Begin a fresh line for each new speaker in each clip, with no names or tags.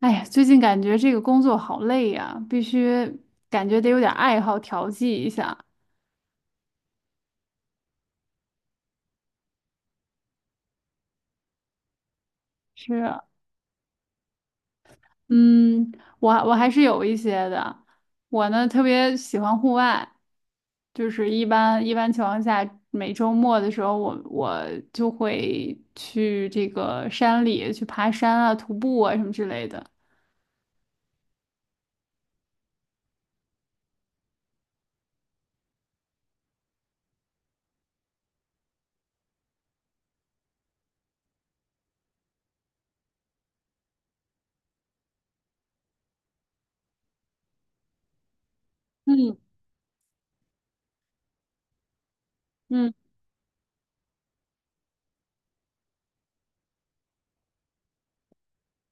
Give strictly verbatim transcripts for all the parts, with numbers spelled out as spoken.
哎呀，最近感觉这个工作好累呀，必须感觉得有点爱好调剂一下。是。嗯，我我还是有一些的。我呢特别喜欢户外，就是一般一般情况下，每周末的时候我，我就会去这个山里去爬山啊、徒步啊什么之类的。嗯嗯，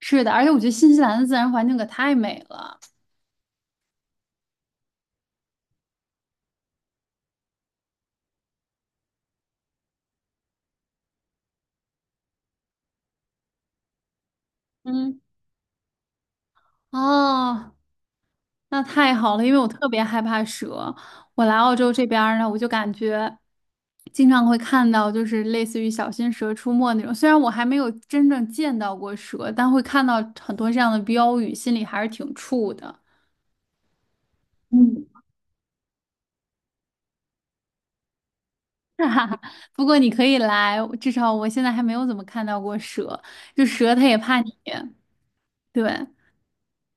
是的，而且我觉得新西兰的自然环境可太美了。嗯。哦，那太好了，因为我特别害怕蛇。我来澳洲这边儿呢，我就感觉经常会看到，就是类似于小心蛇出没那种。虽然我还没有真正见到过蛇，但会看到很多这样的标语，心里还是挺怵的。嗯，哈哈，不过你可以来，至少我现在还没有怎么看到过蛇，就蛇它也怕你。对，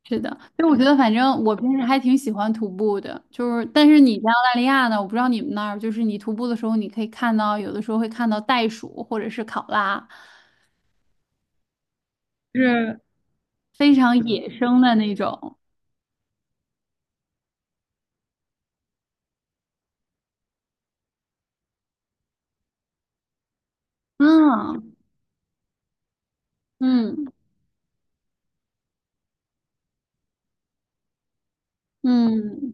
是的，就我觉得，反正我平时还挺喜欢徒步的，就是但是你在澳大利亚呢，我不知道你们那儿，就是你徒步的时候，你可以看到有的时候会看到袋鼠或者是考拉，是非常野生的那种。嗯嗯嗯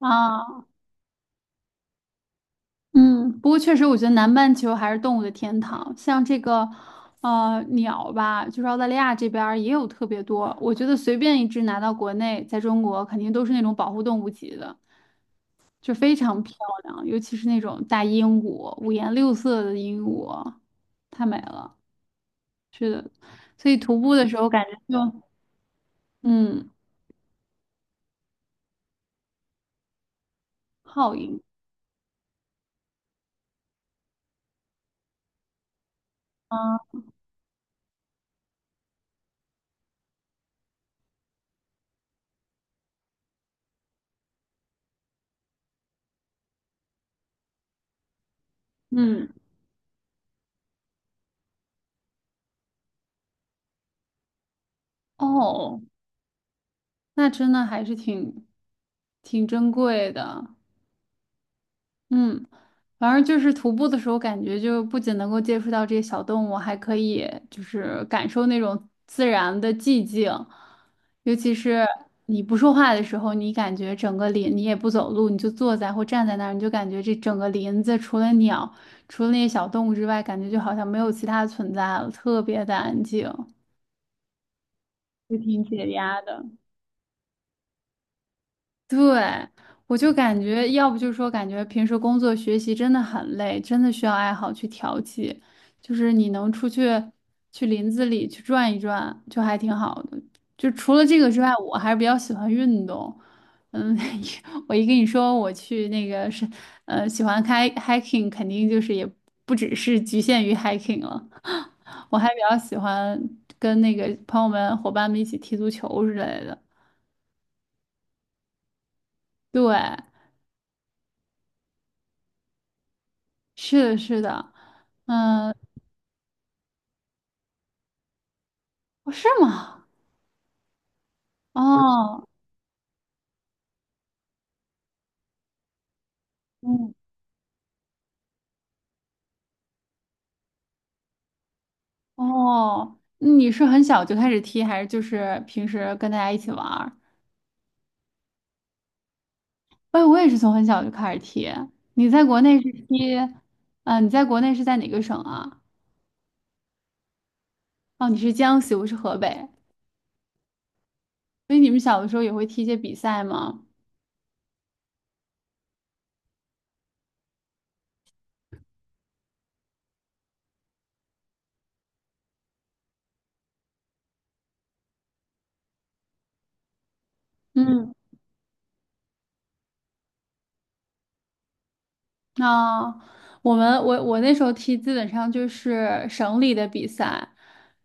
啊嗯，不过确实，我觉得南半球还是动物的天堂，像这个呃鸟吧，就是澳大利亚这边儿也有特别多，我觉得随便一只拿到国内，在中国肯定都是那种保护动物级的。就非常漂亮，尤其是那种大鹦鹉，五颜六色的鹦鹉，太美了。所以徒步的时候感觉就，嗯，好鹰啊，嗯，哦，那真的还是挺挺珍贵的，嗯。反正就是徒步的时候，感觉就不仅能够接触到这些小动物，还可以就是感受那种自然的寂静，尤其是你不说话的时候，你感觉整个林，你也不走路，你就坐在或站在那儿，你就感觉这整个林子除了鸟，除了那些小动物之外，感觉就好像没有其他存在了，特别的安静，就挺解压的。对，我就感觉，要不就是说，感觉平时工作学习真的很累，真的需要爱好去调剂，就是你能出去去林子里去转一转，就还挺好的。就除了这个之外，我还是比较喜欢运动。嗯，我一跟你说我去那个是，呃，喜欢开 hiking，肯定就是也不只是局限于 hiking 了，我还比较喜欢跟那个朋友们、伙伴们一起踢足球之类的。对。是的，是的，嗯，哦是吗？嗯哦，嗯，哦，你是很小就开始踢，还是就是平时跟大家一起玩儿？哎，我也是从很小就开始踢。你在国内是踢，嗯、你在国内是在哪个省啊？哦，你是江西，我是河北，所以你们小的时候也会踢一些比赛吗？嗯那我们我我那时候踢基本上就是省里的比赛，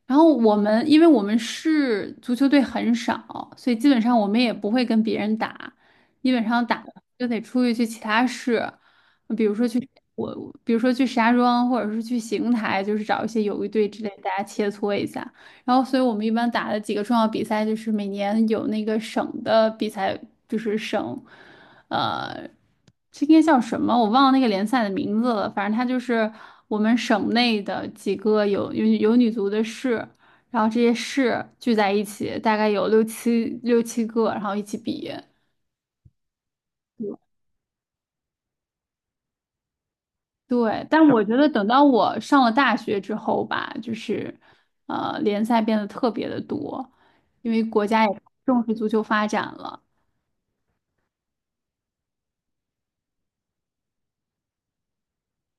然后我们因为我们市足球队很少，所以基本上我们也不会跟别人打，基本上打就得出去去其他市，比如说去我比如说去石家庄或者是去邢台，就是找一些友谊队之类，大家切磋一下。然后，所以我们一般打的几个重要比赛就是每年有那个省的比赛，就是省。呃，这应该叫什么？我忘了那个联赛的名字了。反正它就是我们省内的几个有有有女足的市，然后这些市聚在一起，大概有六七六七个，然后一起比。对，但我觉得等到我上了大学之后吧，就是呃，联赛变得特别的多，因为国家也重视足球发展了。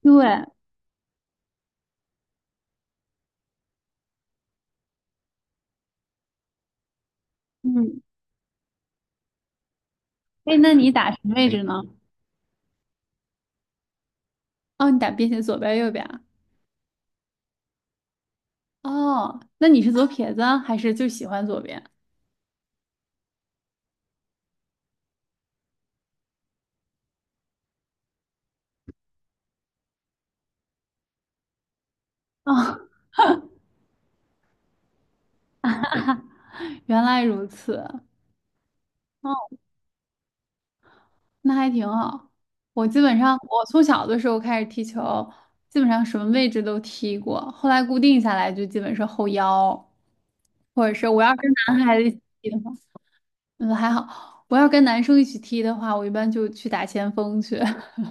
对，嗯，哎，那你打什么位哎置呢？哦，你打边线左边右边啊？哦，那你是左撇子啊还是就喜欢左边？哦，原来如此。哦，那还挺好。我基本上，我从小的时候开始踢球，基本上什么位置都踢过。后来固定下来就基本是后腰，或者是我要跟男孩子一起踢的话，嗯，还好。我要跟男生一起踢的话，我一般就去打前锋去。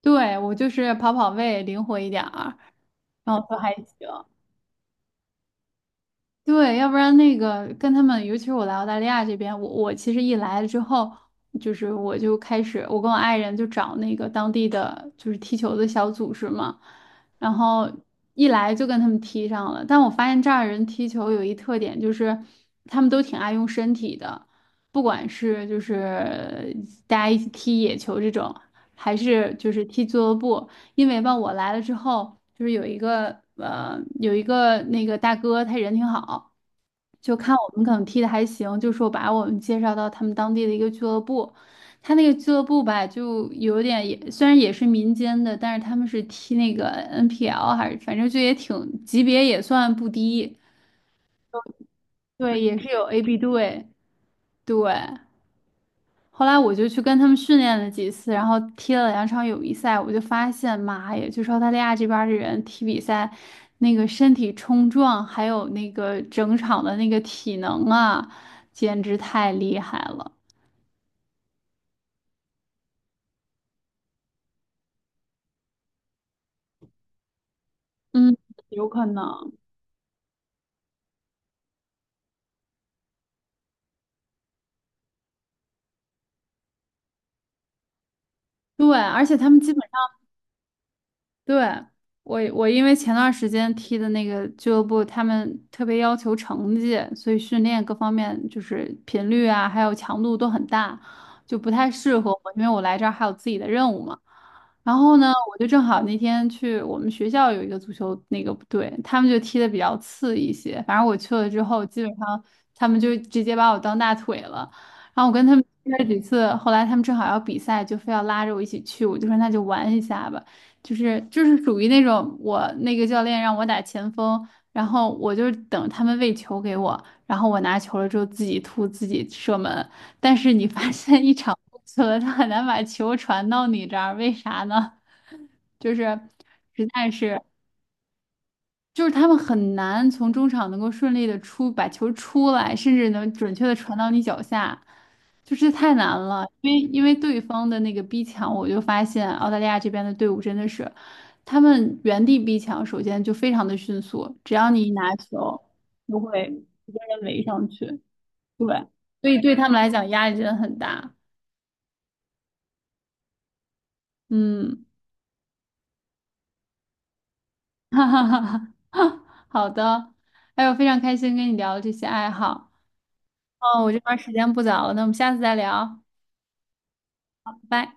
对，我就是跑跑位，灵活一点儿，然后都还行。对，要不然那个跟他们，尤其是我来澳大利亚这边，我我其实一来了之后，就是我就开始，我跟我爱人就找那个当地的就是踢球的小组织嘛，然后一来就跟他们踢上了。但我发现这儿人踢球有一特点，就是他们都挺爱用身体的，不管是就是大家一起踢野球这种，还是就是踢俱乐部，因为吧，我来了之后，就是有一个呃，有一个那个大哥，他人挺好，就看我们可能踢的还行，就说把我们介绍到他们当地的一个俱乐部。他那个俱乐部吧，就有点也虽然也是民间的，但是他们是踢那个 N P L，还是反正就也挺级别也算不低，对，也是有 A B 队，对。后来我就去跟他们训练了几次，然后踢了两场友谊赛，我就发现，妈呀，就是澳大利亚这边儿的人踢比赛，那个身体冲撞，还有那个整场的那个体能啊，简直太厉害了。嗯，有可能。对，而且他们基本。对，我我因为前段时间踢的那个俱乐部，他们特别要求成绩，所以训练各方面就是频率啊，还有强度都很大，就不太适合我，因为我来这儿还有自己的任务嘛。然后呢，我就正好那天去我们学校有一个足球那个队，他们就踢的比较次一些。反正我去了之后，基本上他们就直接把我当大腿了。然后我跟他们踢了几次，后来他们正好要比赛，就非要拉着我一起去，我就说那就玩一下吧。就是就是属于那种我那个教练让我打前锋，然后我就是等他们喂球给我，然后我拿球了之后自己突自己射门。但是你发现一场过去了，他很难把球传到你这儿，为啥呢？就是实在是。就是他们很难从中场能够顺利的出，把球出来，甚至能准确的传到你脚下，就是太难了。因为因为对方的那个逼抢，我就发现澳大利亚这边的队伍真的是，他们原地逼抢，首先就非常的迅速，只要你一拿球，就会直接人围上去。对，所以对他们来讲压力真的很大。嗯，哈哈哈哈，好的，哎呦，非常开心跟你聊这些爱好。哦，我这边儿时间不早了，那我们下次再聊，拜拜。